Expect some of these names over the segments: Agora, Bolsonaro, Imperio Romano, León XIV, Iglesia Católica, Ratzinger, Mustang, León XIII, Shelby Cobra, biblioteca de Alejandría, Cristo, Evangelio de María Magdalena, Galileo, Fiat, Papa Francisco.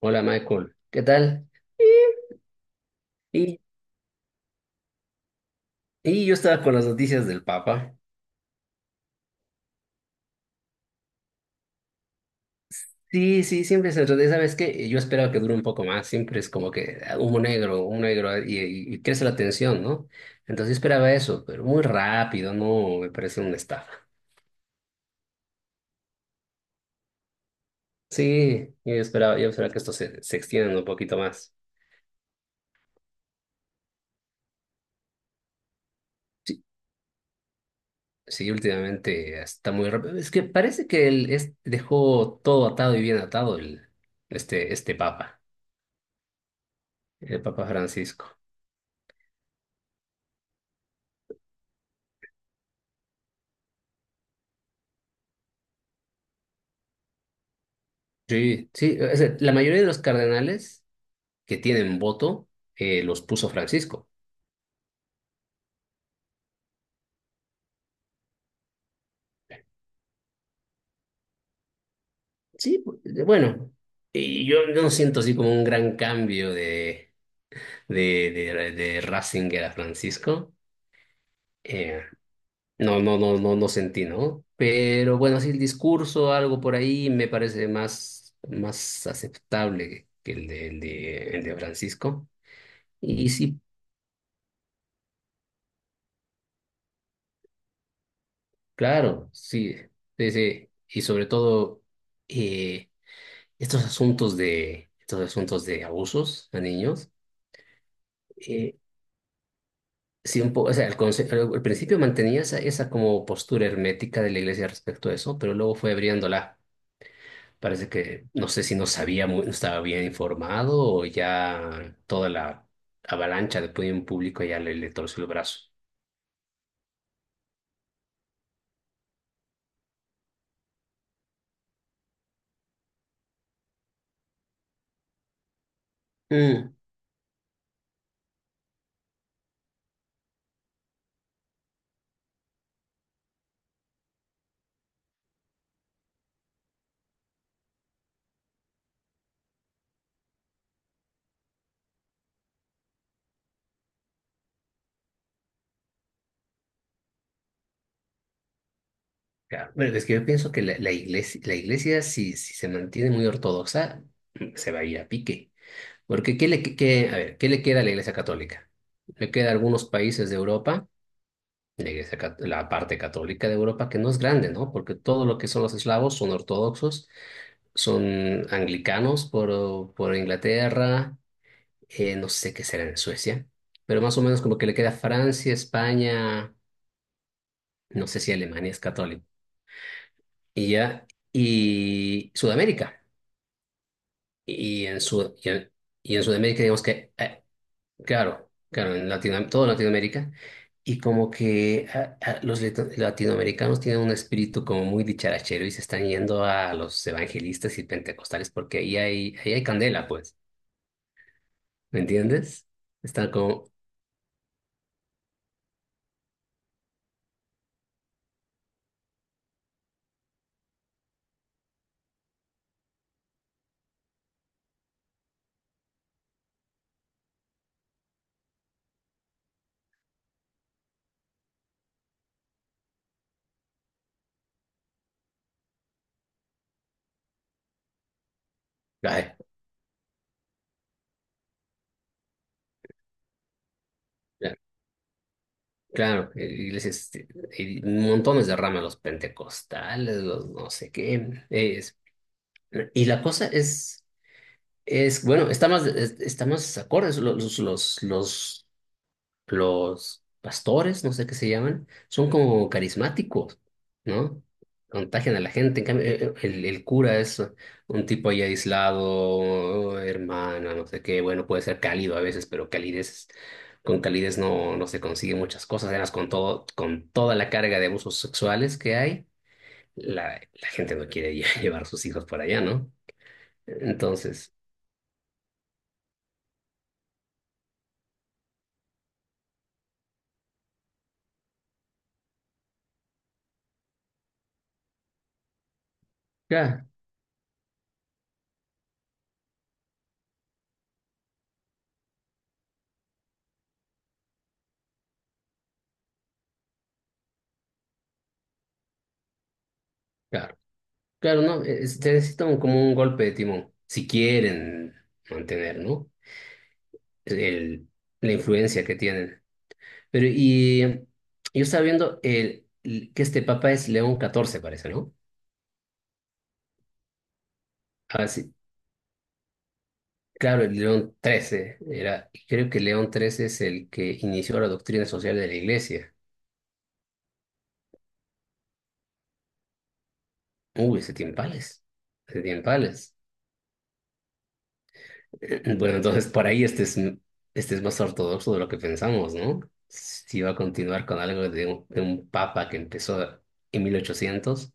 Hola Michael, ¿qué tal? Y, y yo estaba con las noticias del Papa. Sí, sí, siempre se enrede. ¿Sabes qué? Yo esperaba que dure un poco más. Siempre es como que humo negro y crece la tensión, ¿no? Entonces yo esperaba eso, pero muy rápido, no, me parece una estafa. Sí, yo esperaba que esto se extienda un poquito más. Sí, sí, últimamente está muy rápido. Es que parece que dejó todo atado y bien atado este Papa, el Papa Francisco. Sí, sí, o sea, la mayoría de los cardenales que tienen voto los puso Francisco. Sí, bueno, y yo no siento así como un gran cambio de Ratzinger a Francisco. Eh, no, no, no, no, no sentí, ¿no? Pero bueno, sí, el discurso, algo por ahí, me parece más aceptable que el de Francisco. Y sí, claro, sí, sí, sí. Y sobre todo. eh, estos asuntos de abusos a niños, eh, sí o sea, al principio mantenía esa como postura hermética de la iglesia respecto a eso, pero luego fue abriéndola. Parece que no sé si no sabía, no estaba bien informado o ya toda la avalancha de opinión público ya le torció el brazo. Mm, claro. Bueno, es que yo pienso que la iglesia, si se mantiene muy ortodoxa, se va a ir a pique. Porque ¿qué le, que- a ver, ¿qué le queda a la Iglesia Católica? Le queda a algunos países de Europa, la parte católica de Europa, que no es grande, ¿no? Porque todo lo que son los eslavos son ortodoxos, son anglicanos por Inglaterra. No sé qué será en Suecia, pero más o menos como que le queda Francia, España, no sé si Alemania es católico, y ya, y Sudamérica. Y en, Sud- y en, y en Sudamérica digamos que Claro, claro, en todo Latinoamérica. Y como que los latinoamericanos tienen un espíritu como muy dicharachero y se están yendo a los evangelistas y pentecostales porque ahí hay candela, pues. ¿Me entiendes? Están como. Ay, ya, claro, iglesias, y montones de ramas, los pentecostales, los no sé qué. Y la cosa es. Es, bueno, está más acorde, los pastores, no sé qué se llaman, son como carismáticos, ¿no? Contagian a la gente. En cambio, el cura es un tipo ahí aislado, hermano, no sé qué. Bueno, puede ser cálido a veces, pero con calidez no se consigue muchas cosas. Además, con toda la carga de abusos sexuales que hay, la gente no quiere llevar sus hijos por allá, ¿no? Entonces, ya. Claro, no, se necesita como un golpe de timón, si quieren mantener, ¿no? El, la influencia que tienen. Pero yo estaba viendo que este papa es León XIV, parece, ¿no? Ah, sí. Claro, el León XIII era, y creo que León XIII es el que inició la doctrina social de la iglesia. Uy, ese tiempales, ese tiempales. Bueno, entonces por ahí este es más ortodoxo de lo que pensamos, ¿no? Si va a continuar con algo de un papa que empezó en 1800,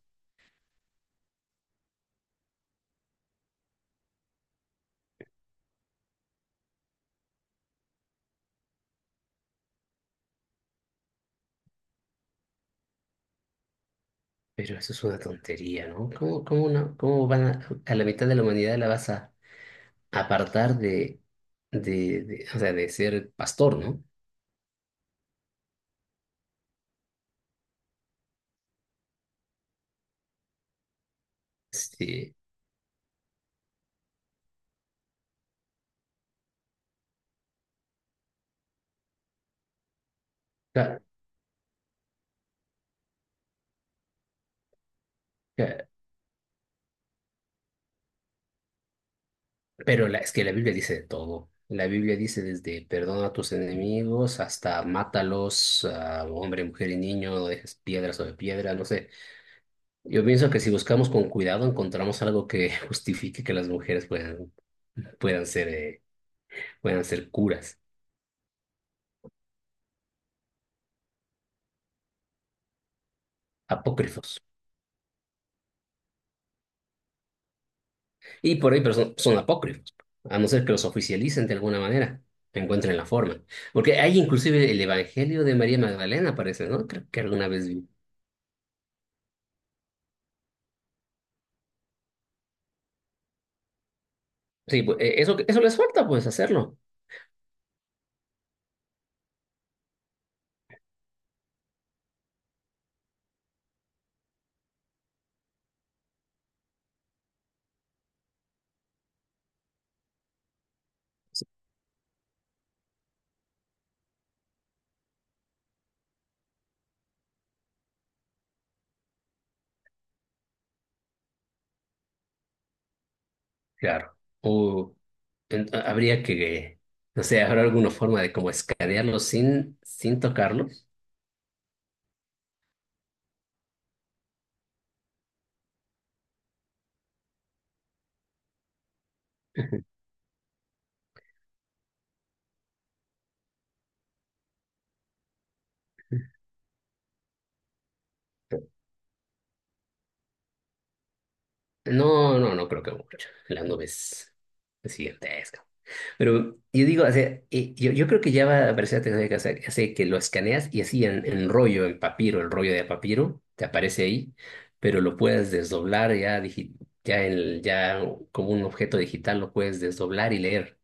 pero eso es una tontería, ¿no? ¿Cómo van a la mitad de la humanidad la vas a apartar o sea, de ser pastor, ¿no? Sí, claro, pero es que la Biblia dice de todo. La Biblia dice desde perdona a tus enemigos hasta mátalos a hombre, mujer y niño, no dejes piedra sobre piedra, no sé. Yo pienso que si buscamos con cuidado encontramos algo que justifique que las mujeres puedan ser, eh, puedan ser curas, apócrifos. Y por ahí, pero son apócrifos, a no ser que los oficialicen de alguna manera, encuentren la forma. Porque hay inclusive el Evangelio de María Magdalena, parece, ¿no? Creo que alguna vez vi. Sí, pues, eso les falta, pues, hacerlo. Claro. O habría que, no sé, habrá alguna forma de como escanearlos sin tocarlos. No, no, no creo que mucho. La nube es gigantesca. Pero yo digo, o sea, yo creo que ya va a aparecer la tecnología que hace que lo escaneas y así en rollo, en papiro, el rollo de papiro, te aparece ahí, pero lo puedes desdoblar ya, ya como un objeto digital, lo puedes desdoblar y leer.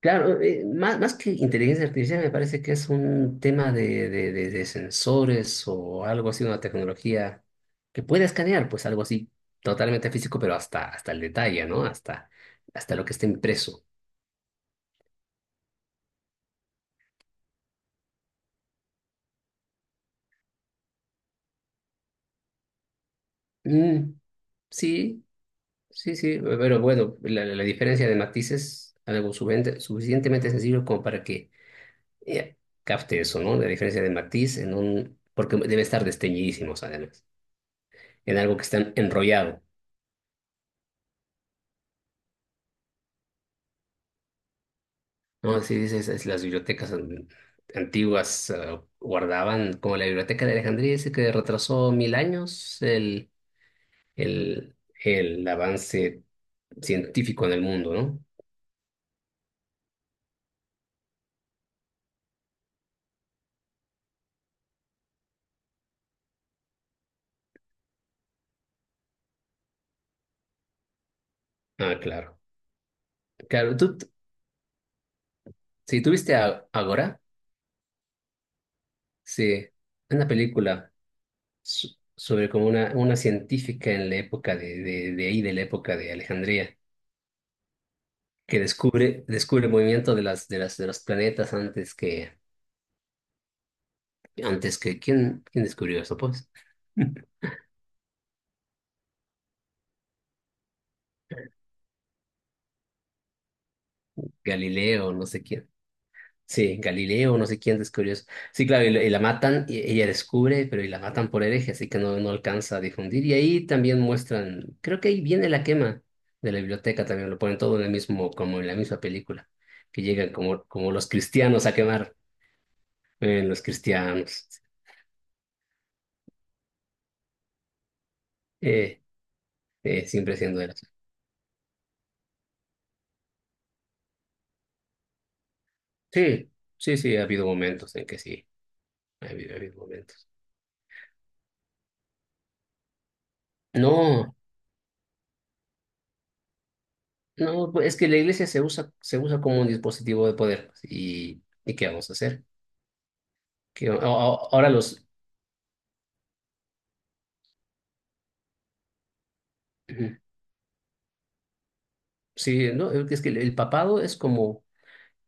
Claro, más que inteligencia artificial me parece que es un tema de sensores o algo así, una tecnología que puede escanear, pues algo así totalmente físico, pero hasta el detalle, ¿no? Hasta lo que está impreso. Mm, sí, sí, sí, pero bueno, la diferencia de matices, algo suficientemente sencillo como para que eh, capte eso, ¿no? La diferencia de matiz porque debe estar desteñidísimos además, en algo que está enrollado. No, sí, dices, las bibliotecas antiguas guardaban, como la biblioteca de Alejandría dice que retrasó 1.000 años el, el avance científico en el mundo, ¿no? Ah, claro. Claro, tú, si tuviste a Agora, sí, una película so- sobre como una científica en la época de ahí, de la época de Alejandría, que descubre el movimiento de los planetas antes que, ¿quién descubrió eso, pues? Galileo, no sé quién. Sí, Galileo, no sé quién descubrió eso. Sí, claro, y la matan, y ella descubre, pero y la matan por hereje, así que no alcanza a difundir. Y ahí también muestran, creo que ahí viene la quema de la biblioteca también, lo ponen todo en el mismo, como en la misma película, que llegan como los cristianos a quemar, los cristianos, eh, siempre siendo de las. Sí, sí, sí, ha habido momentos en que sí, ha habido momentos. No. No, pues, es que la iglesia se usa como un dispositivo de poder. Pues, ¿Y qué vamos a hacer? ¿Qué- a- a- ahora los... Ujú. Sí, no, es que el papado es como.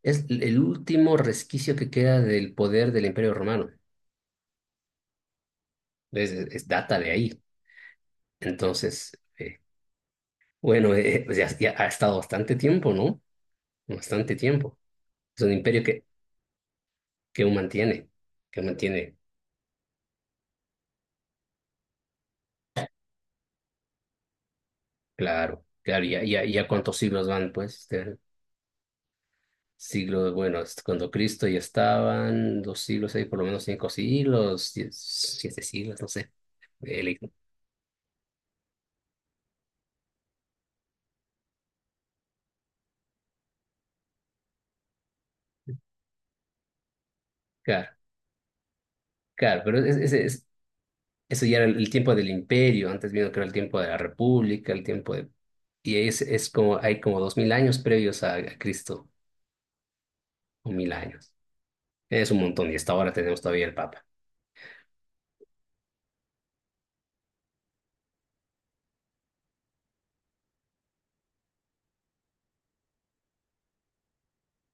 Es el último resquicio que queda del poder del Imperio Romano. Data de ahí. Entonces, bueno, pues ya ha estado bastante tiempo, ¿no? Bastante tiempo. Es un imperio que aún mantiene, que mantiene, claro, claro, ya cuántos siglos van, pues. Siglo, bueno, es cuando Cristo ya estaban, 2 siglos, ahí por lo menos 5 siglos, 7 siglos, no sé. El- claro, claro, pero eso ya era el tiempo del imperio, antes vino que era el tiempo de la república, el tiempo de. Y es como, hay como 2.000 años previos a Cristo, o 1.000 años. Es un montón, y hasta ahora tenemos todavía el Papa.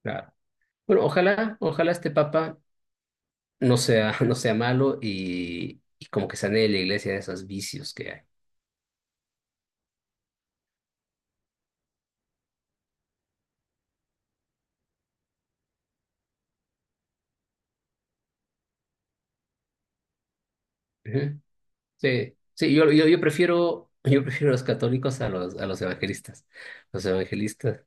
Claro. Bueno, ojalá este Papa no sea, no sea malo y como que sane la iglesia de esos vicios que hay. Ujú. Sí, sí, yo prefiero a los católicos a los evangelistas. Los evangelistas.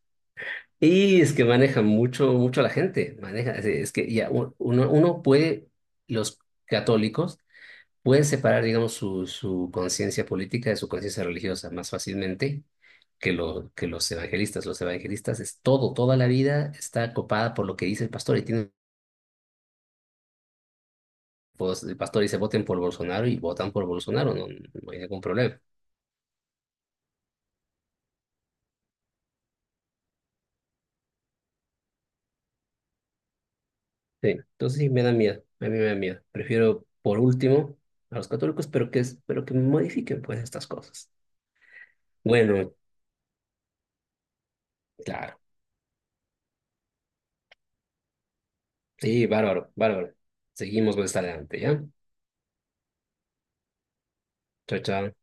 Y es que manejan mucho, mucho a la gente. Maneja, es que ya uno puede, los católicos pueden separar, digamos, su conciencia política de su conciencia religiosa más fácilmente que los evangelistas. Los evangelistas es toda la vida está copada por lo que dice el pastor y tiene, pues, el pastor dice voten por Bolsonaro y votan por Bolsonaro, no, no hay ningún problema. Sí, entonces sí me da miedo, a mí me da miedo. Prefiero por último a los católicos, pero que modifiquen pues estas cosas. Bueno, claro. Sí, bárbaro, bárbaro. Seguimos más adelante, ¿ya? Chao, chao.